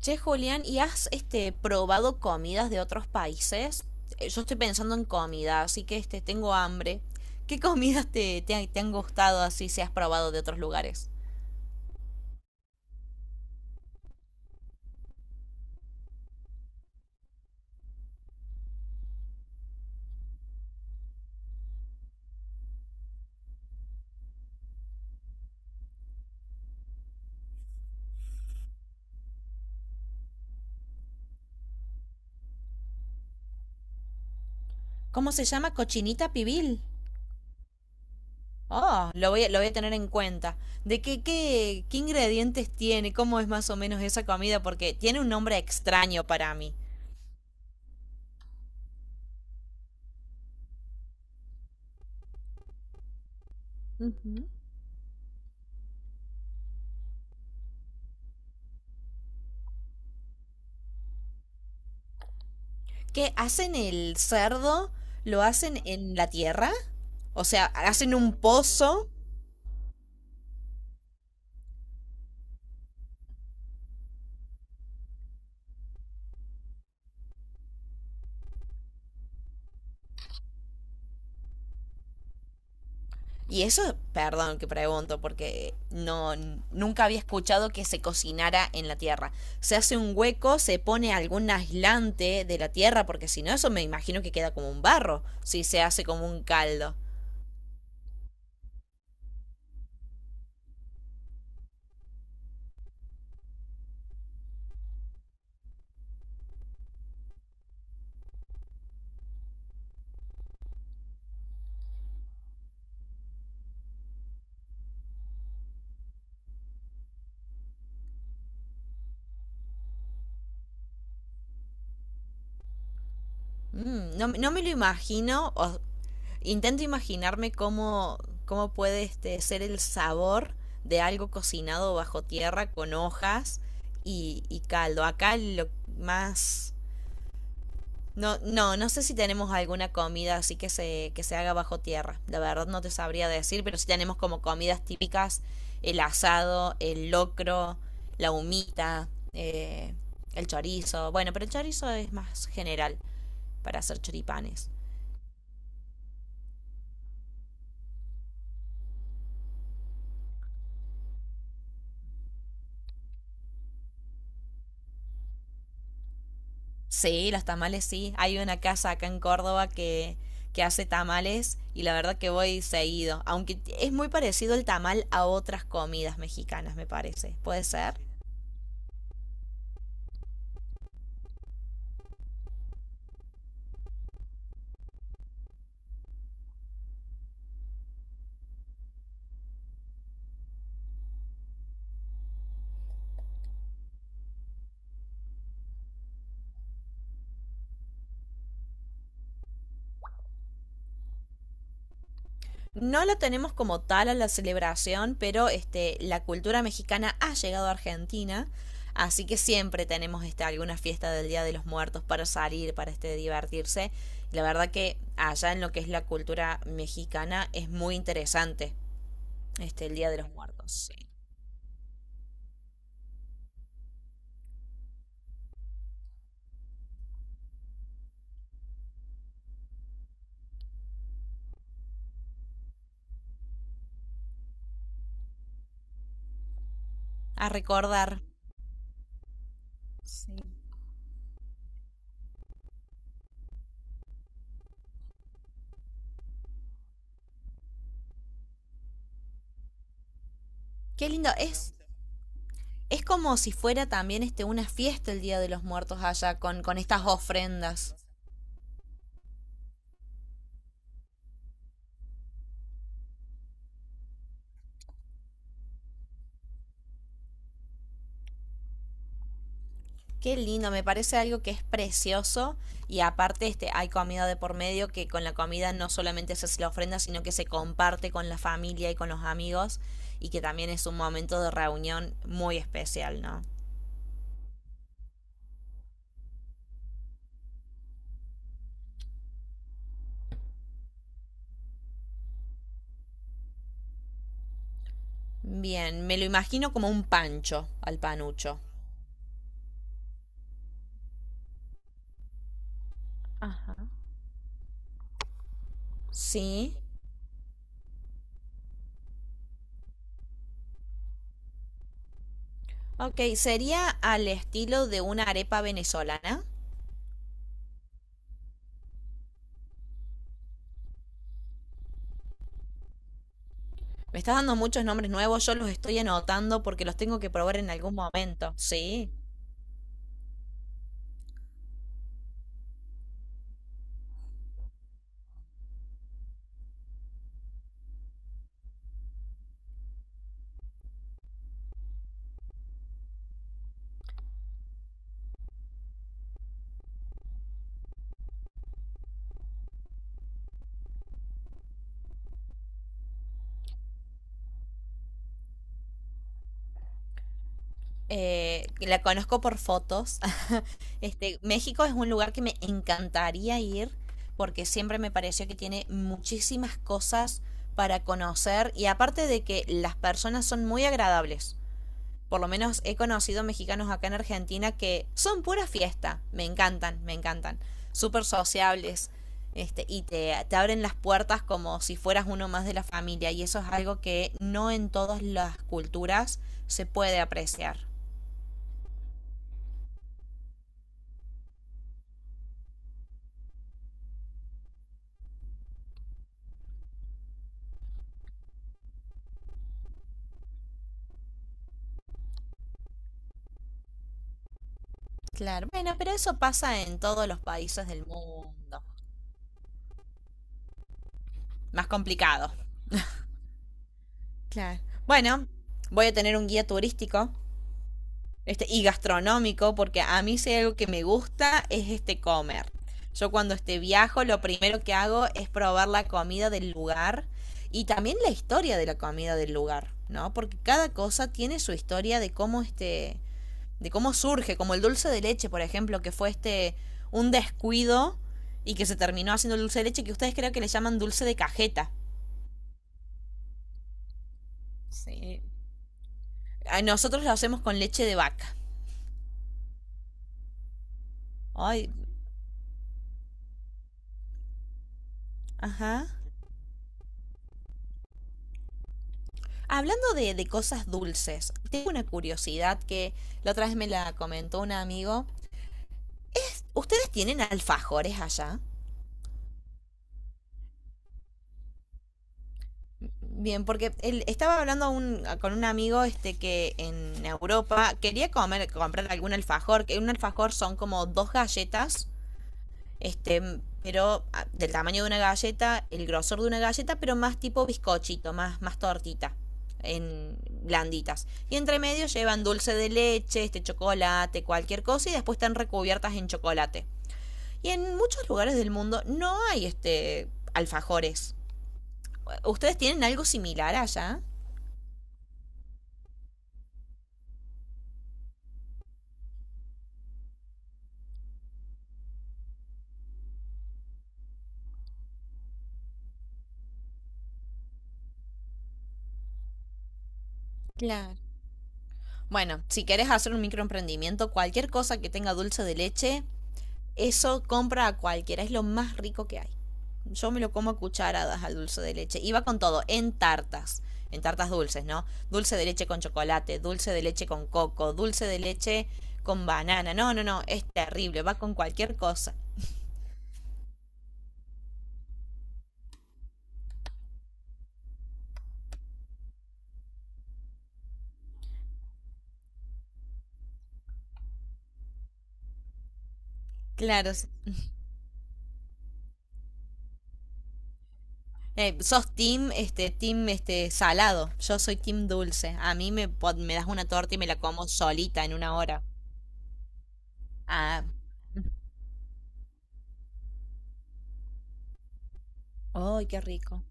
Che, Julián, ¿y has probado comidas de otros países? Yo estoy pensando en comida, así que tengo hambre. ¿Qué comidas te han gustado así si has probado de otros lugares? ¿Cómo se llama? Cochinita pibil. Oh, lo voy a tener en cuenta. ¿Qué ingredientes tiene? ¿Cómo es más o menos esa comida? Porque tiene un nombre extraño para mí. Ujú. ¿Qué hacen el cerdo? ¿Lo hacen en la tierra? O sea, hacen un pozo. Y eso, perdón que pregunto, porque nunca había escuchado que se cocinara en la tierra. Se hace un hueco, se pone algún aislante de la tierra, porque si no, eso me imagino que queda como un barro, si se hace como un caldo. Mm, no me lo imagino, o intento imaginarme cómo puede ser el sabor de algo cocinado bajo tierra con hojas y caldo. Acá lo más. No sé si tenemos alguna comida así que que se haga bajo tierra. La verdad no te sabría decir, pero sí tenemos como comidas típicas, el asado, el locro, la humita, eh, el chorizo. Bueno, pero el chorizo es más general para hacer choripanes. Sí, los tamales sí. Hay una casa acá en Córdoba que hace tamales y la verdad que voy seguido. Aunque es muy parecido el tamal a otras comidas mexicanas, me parece. ¿Puede ser? No lo tenemos como tal a la celebración, pero la cultura mexicana ha llegado a Argentina, así que siempre tenemos alguna fiesta del Día de los Muertos para salir, para divertirse. La verdad que allá en lo que es la cultura mexicana es muy interesante el Día de los Muertos. Sí. A recordar. Sí. Qué lindo. Es como si fuera también una fiesta el Día de los Muertos allá con estas ofrendas. Qué lindo, me parece algo que es precioso y aparte este hay comida de por medio que con la comida no solamente se hace la ofrenda, sino que se comparte con la familia y con los amigos y que también es un momento de reunión muy especial, ¿no? Bien, me lo imagino como un pancho al panucho. Sí. Ok, sería al estilo de una arepa venezolana. Me estás dando muchos nombres nuevos, yo los estoy anotando porque los tengo que probar en algún momento. Sí. La conozco por fotos. México es un lugar que me encantaría ir porque siempre me pareció que tiene muchísimas cosas para conocer y aparte de que las personas son muy agradables. Por lo menos he conocido mexicanos acá en Argentina que son pura fiesta. Me encantan, me encantan. Súper sociables. Y te abren las puertas como si fueras uno más de la familia. Y eso es algo que no en todas las culturas se puede apreciar. Claro, bueno, pero eso pasa en todos los países del mundo. Más complicado. Claro. Bueno, voy a tener un guía turístico y gastronómico porque a mí si hay algo que me gusta es comer. Yo cuando viajo lo primero que hago es probar la comida del lugar y también la historia de la comida del lugar, ¿no? Porque cada cosa tiene su historia de cómo de cómo surge, como el dulce de leche, por ejemplo, que fue un descuido y que se terminó haciendo el dulce de leche que ustedes creo que le llaman dulce de cajeta. Sí. Nosotros lo hacemos con leche de vaca. Ay, ajá. Hablando de cosas dulces, tengo una curiosidad que la otra vez me la comentó un amigo. ¿Ustedes tienen alfajores allá? Bien, porque él estaba hablando con un amigo este que en Europa quería comer, comprar algún alfajor, que un alfajor son como dos galletas, pero ah, del tamaño de una galleta, el grosor de una galleta, pero más tipo bizcochito, más tortita, en blanditas. Y entre medio llevan dulce de leche, este chocolate, cualquier cosa, y después están recubiertas en chocolate. Y en muchos lugares del mundo no hay alfajores. ¿Ustedes tienen algo similar allá? Claro. Bueno, si querés hacer un microemprendimiento, cualquier cosa que tenga dulce de leche, eso compra a cualquiera, es lo más rico que hay. Yo me lo como a cucharadas al dulce de leche. Iba con todo, en tartas dulces, ¿no? Dulce de leche con chocolate, dulce de leche con coco, dulce de leche con banana. No, no, no, es terrible, va con cualquier cosa. Claro, s- Sos team, team, salado. Yo soy team dulce. A me das una torta y me la como solita en una hora. Ah, ¡ay, qué rico!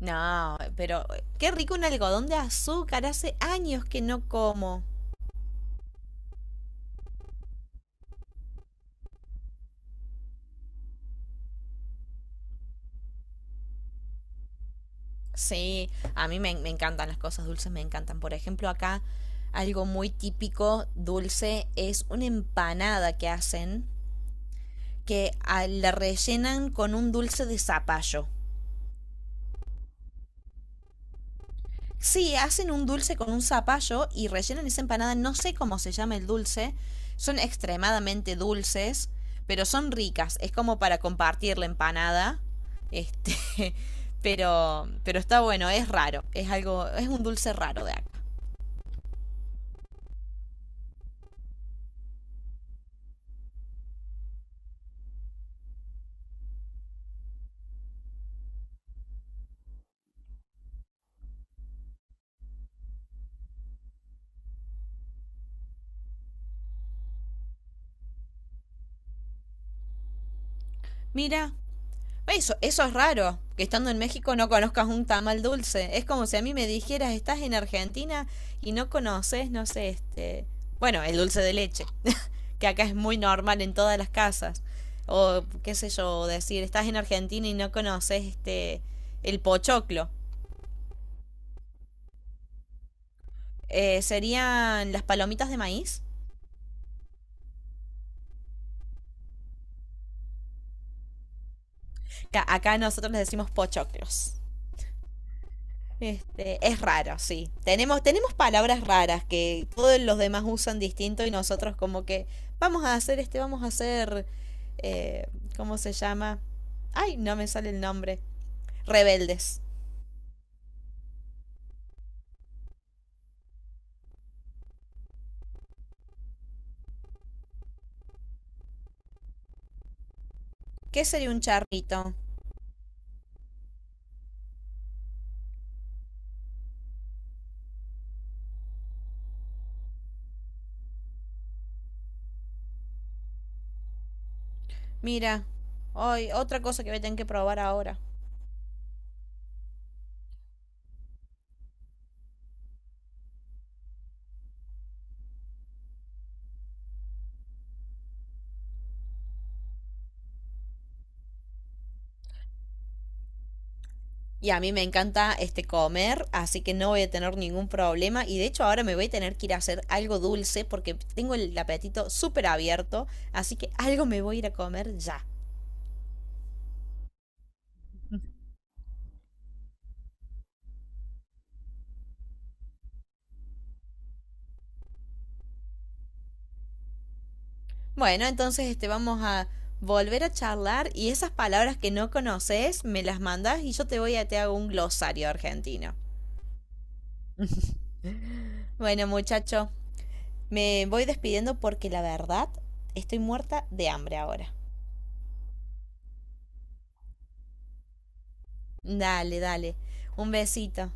No, pero qué rico un algodón de azúcar. Hace años que no como. Sí, a me encantan las cosas dulces, me encantan. Por ejemplo, acá algo muy típico dulce es una empanada que hacen que ah, la rellenan con un dulce de zapallo. Sí, hacen un dulce con un zapallo y rellenan esa empanada. No sé cómo se llama el dulce. Son extremadamente dulces, pero son ricas. Es como para compartir la empanada. Este, pero está bueno, es raro. Es un dulce raro de acá. Mira, eso es raro, que estando en México no conozcas un tamal dulce. Es como si a mí me dijeras, estás en Argentina y no conoces, no sé, bueno, el dulce de leche, que acá es muy normal en todas las casas. O qué sé yo, decir, estás en Argentina y no conoces el pochoclo. Serían las palomitas de maíz. Acá nosotros les decimos pochoclos. Es raro, sí. Tenemos palabras raras que todos los demás usan distinto y nosotros como que vamos a hacer, eh, ¿cómo se llama? Ay, no me sale el nombre. Rebeldes. ¿Qué sería un charrito? Mira, hoy otra cosa que voy a tener que probar ahora. Y a mí me encanta comer, así que no voy a tener ningún problema. Y de hecho ahora me voy a tener que ir a hacer algo dulce porque tengo el apetito súper abierto. Así que algo me voy a ir a comer ya. Bueno, entonces vamos a volver a charlar y esas palabras que no conoces me las mandas y yo te voy a te hago un glosario argentino. Bueno, muchacho, me voy despidiendo porque la verdad estoy muerta de hambre ahora. Dale, dale. Un besito.